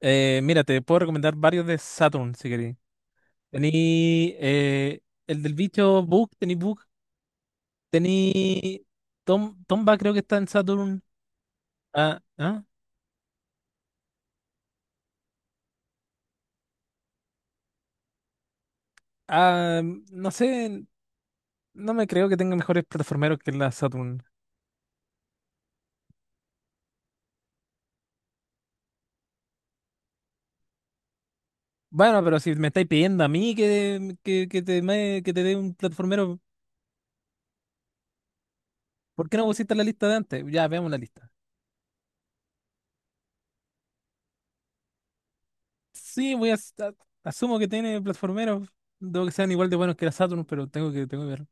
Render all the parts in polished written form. Mira, te puedo recomendar varios de Saturn si queréis. Tení el del bicho Bug, tení Tomba, creo que está en Saturn. Ah, ah, ah, no sé, no me creo que tenga mejores plataformeros que la Saturn. Bueno, pero si me estáis pidiendo a mí que te dé un plataformero, ¿por qué no pusiste la lista de antes? Ya, veamos la lista. Sí, asumo que tiene plataformeros, debo que sean igual de buenos que la Saturn, pero tengo que ver.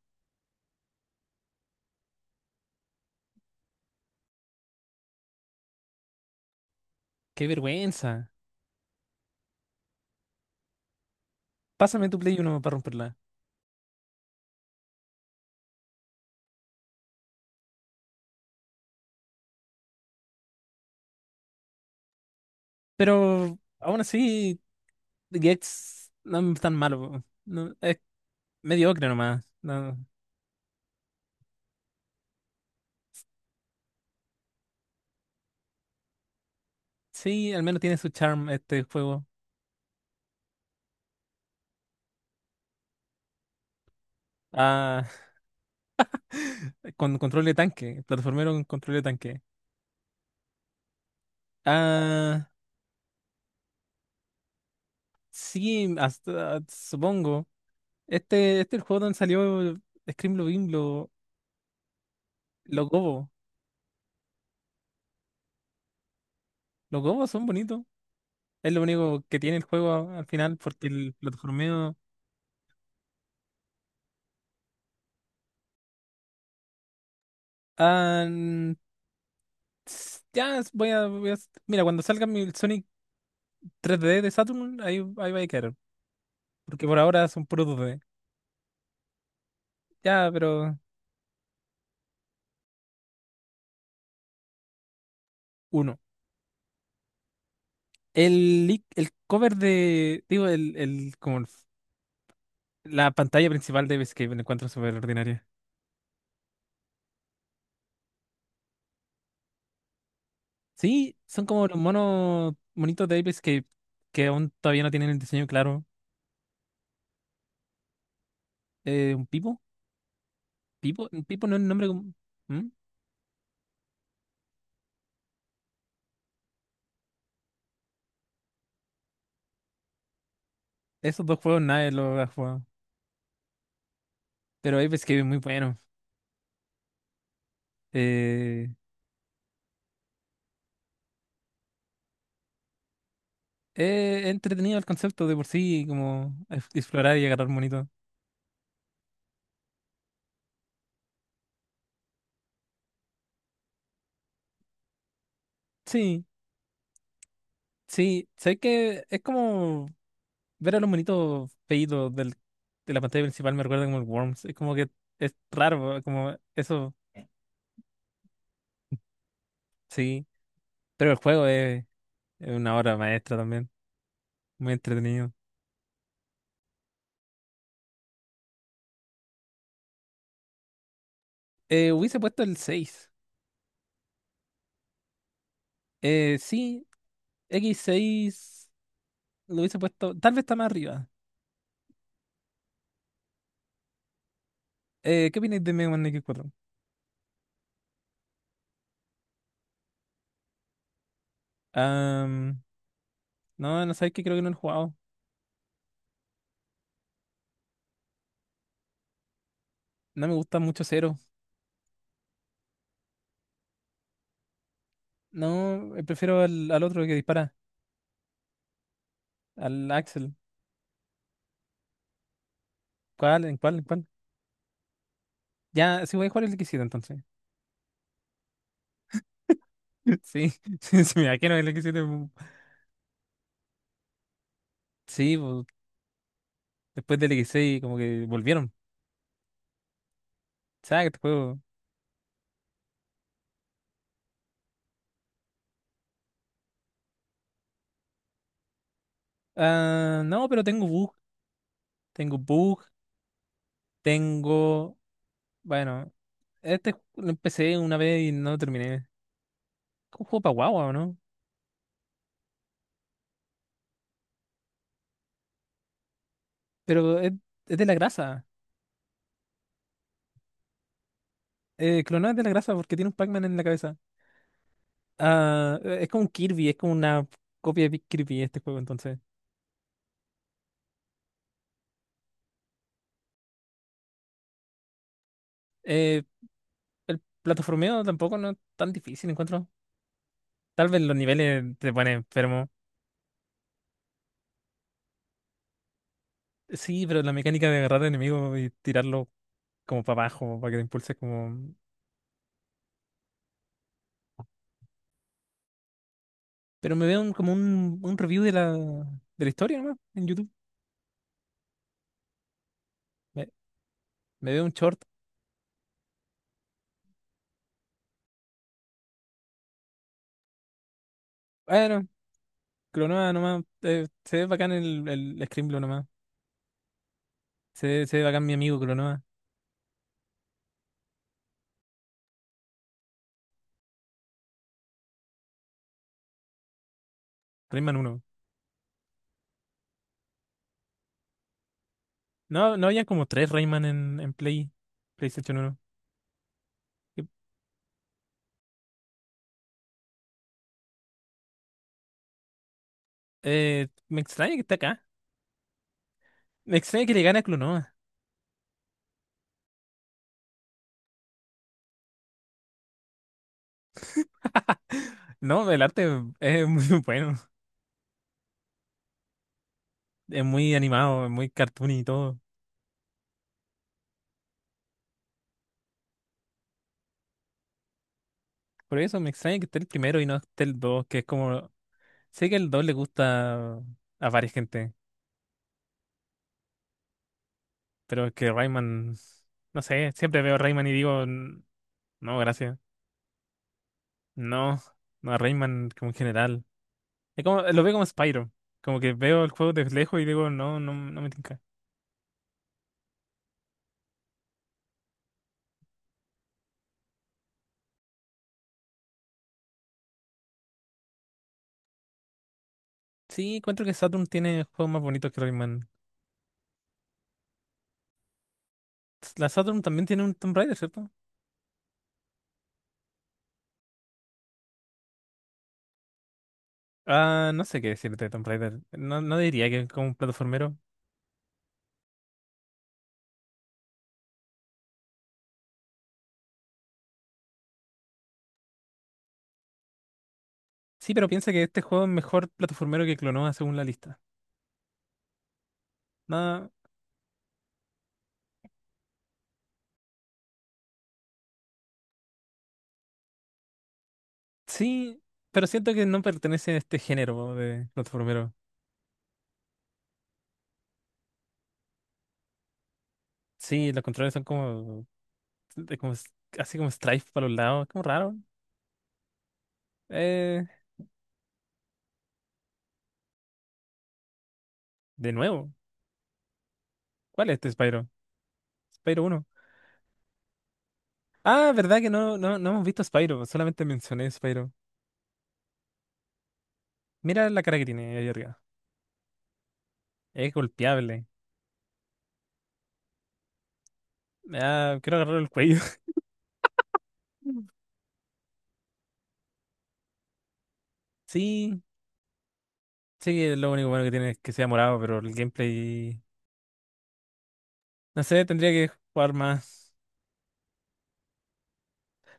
¡Qué vergüenza! Pásame tu Play uno para romperla. Pero aún así, Gex no es tan malo, po. No, es mediocre nomás. No. Sí, al menos tiene su charm este juego. Ah, con control de tanque, plataformero con control de tanque. Ah, sí, hasta, supongo. Este es el juego donde salió scream Screamlobin, los gobos. Los gobos son bonitos. Es lo único que tiene el juego al final, porque el plataformeo. Ah, Ts- Ya es- voy a, voy a- Mira, cuando salga mi Sonic 3D de Saturn, ahí, ahí va a quedar. Porque por ahora son puros 2D. Ya, pero uno. El cover de. Digo, como la pantalla principal de Ape Escape, me encuentro súper ordinaria. Sí, son como los monos monitos de Ape Escape que aún todavía no tienen el diseño claro. ¿Un Pipo? ¿Pipo? ¿Un Pipo no es el nombre? ¿Mm? Esos dos juegos nadie los ha jugado. Pero Ape Escape es muy bueno. Eh, entretenido el concepto de por sí, como explorar y agarrar monitos. Sí, sí, sé que es como ver a los monitos feitos de la pantalla principal me recuerda como el Worms. Es como que es raro, como eso, sí. Pero el juego es una obra maestra también, muy entretenido. Hubiese puesto el 6. Sí, X6 lo hubiese puesto, tal vez está más arriba. ¿Qué opináis de Mega Man X4? Ah, no, no sabéis que creo que no lo he jugado. No me gusta mucho Zero. No, prefiero al otro que dispara, al Axel. ¿Cuál? ¿En cuál? ¿En cuál? Ya, sí voy a jugar el X7 entonces. Sí, sí, sí, me imagino el X7. Sí, después del X6 como que volvieron. ¿Sabes este juego? Ah, no, pero tengo bug. Tengo bug. Tengo. Bueno, lo empecé una vez y no lo terminé. Es un juego para guagua, ¿o no? Pero es de la grasa. Clonó es de la grasa porque tiene un Pac-Man en la cabeza. Ah, es como un Kirby, es como una copia de Kirby este juego entonces. Eh, el plataformeo tampoco no es tan difícil, encuentro. Tal vez los niveles te ponen enfermo. Sí, pero la mecánica de agarrar al enemigo y tirarlo como para abajo, para que te impulse como. Pero me veo como un review de la historia nomás en YouTube. Me, me veo un short. Bueno, Clonoa nomás. Se ve bacán el Scrimblow nomás. Se ve bacán mi amigo Clonoa. Rayman uno. No, no había como tres Rayman en, PlayStation uno. Me extraña que está acá. Me extraña que le gane a Clonoa. No, el arte es muy bueno, es muy animado, es muy cartoon y todo. Por eso me extraña que esté el primero y no esté el 2, que es como. Sé que el 2 le gusta a varias gente, pero es que Rayman. No sé, siempre veo Rayman y digo: No, gracias". No, no, Rayman como en general. Es como, lo veo como Spyro, como que veo el juego de lejos y digo, no, no, no me tinca. Sí, encuentro que Saturn tiene juegos más bonitos que Rayman. La Saturn también tiene un Tomb Raider, ¿cierto? Ah, no sé qué decirte de Tomb Raider. No, no diría que es como un plataformero. Sí, pero piensa que este juego es mejor plataformero que Clonoa según la lista. No, sí, pero siento que no pertenece a este género de plataformero. Sí, los controles son como, de como s- así como strife para los lados, como raro. Eh, de nuevo, ¿cuál es este Spyro? Spyro uno. Ah, verdad que no, no, no hemos visto Spyro, solamente mencioné Spyro. Mira la cara que tiene ahí arriba. Es golpeable. Ah, quiero agarrar el cuello. Sí. Sí, lo único bueno que tiene es que sea morado, pero el gameplay. No sé, tendría que jugar más.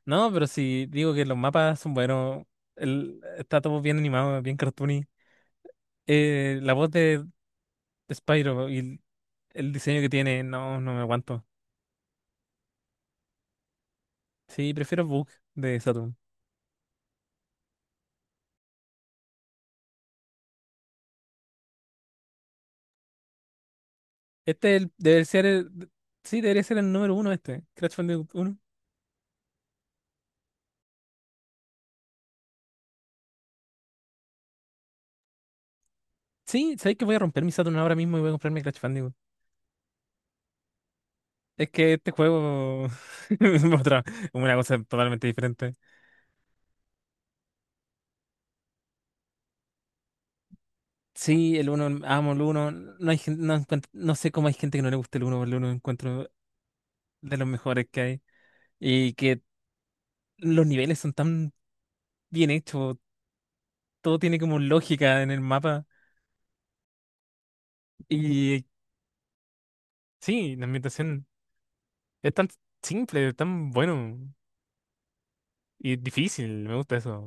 No, pero si digo que los mapas son buenos. Está todo bien animado, bien cartoony. La voz de Spyro y el diseño que tiene, no, no me aguanto. Sí, prefiero Bug de Saturn. Este debe ser el. Sí, debería ser el número uno este, Crash Bandicoot uno. Sí, sabéis que voy a romper mi Saturn ahora mismo y voy a comprarme Crash Bandicoot. Es que este juego es otra- una cosa totalmente diferente. Sí, el uno, amo el uno. No sé cómo hay gente que no le gusta el uno, pero el uno encuentro de los mejores que hay. Y que los niveles son tan bien hechos, todo tiene como lógica en el mapa. Y sí, la ambientación es tan simple, tan bueno y difícil, me gusta eso.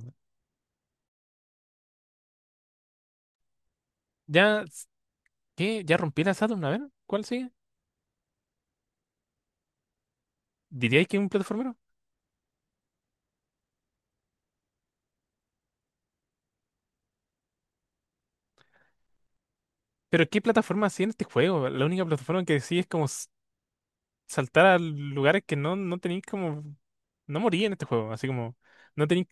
Ya, ¿qué? ¿Ya rompí la Saturn? A ver, ¿cuál sigue? ¿Diríais que es un plataformero? ¿Pero qué plataforma sigue en este juego? La única plataforma que sigue es como saltar a lugares que no, no tenéis como. No morí en este juego, así como. No tenéis.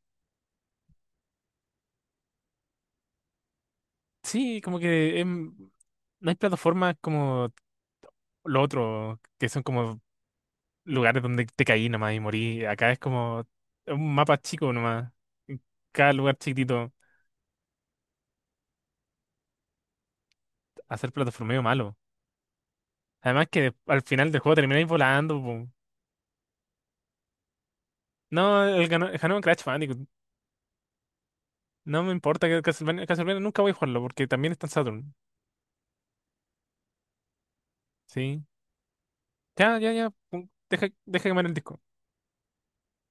Sí, como que. No hay plataformas como lo otro, que son como lugares donde te caí nomás y morí. Acá es como un mapa chico nomás. En Cada lugar chiquitito. Hacer plataformeo malo. Además que al final del juego termináis volando, po. No, el ganó en Crash Bandicoot. No me importa que Castlevania, Castlevania nunca voy a jugarlo porque también está en Saturn. Sí. Ya, ya, ya. Deja, deja quemar el disco.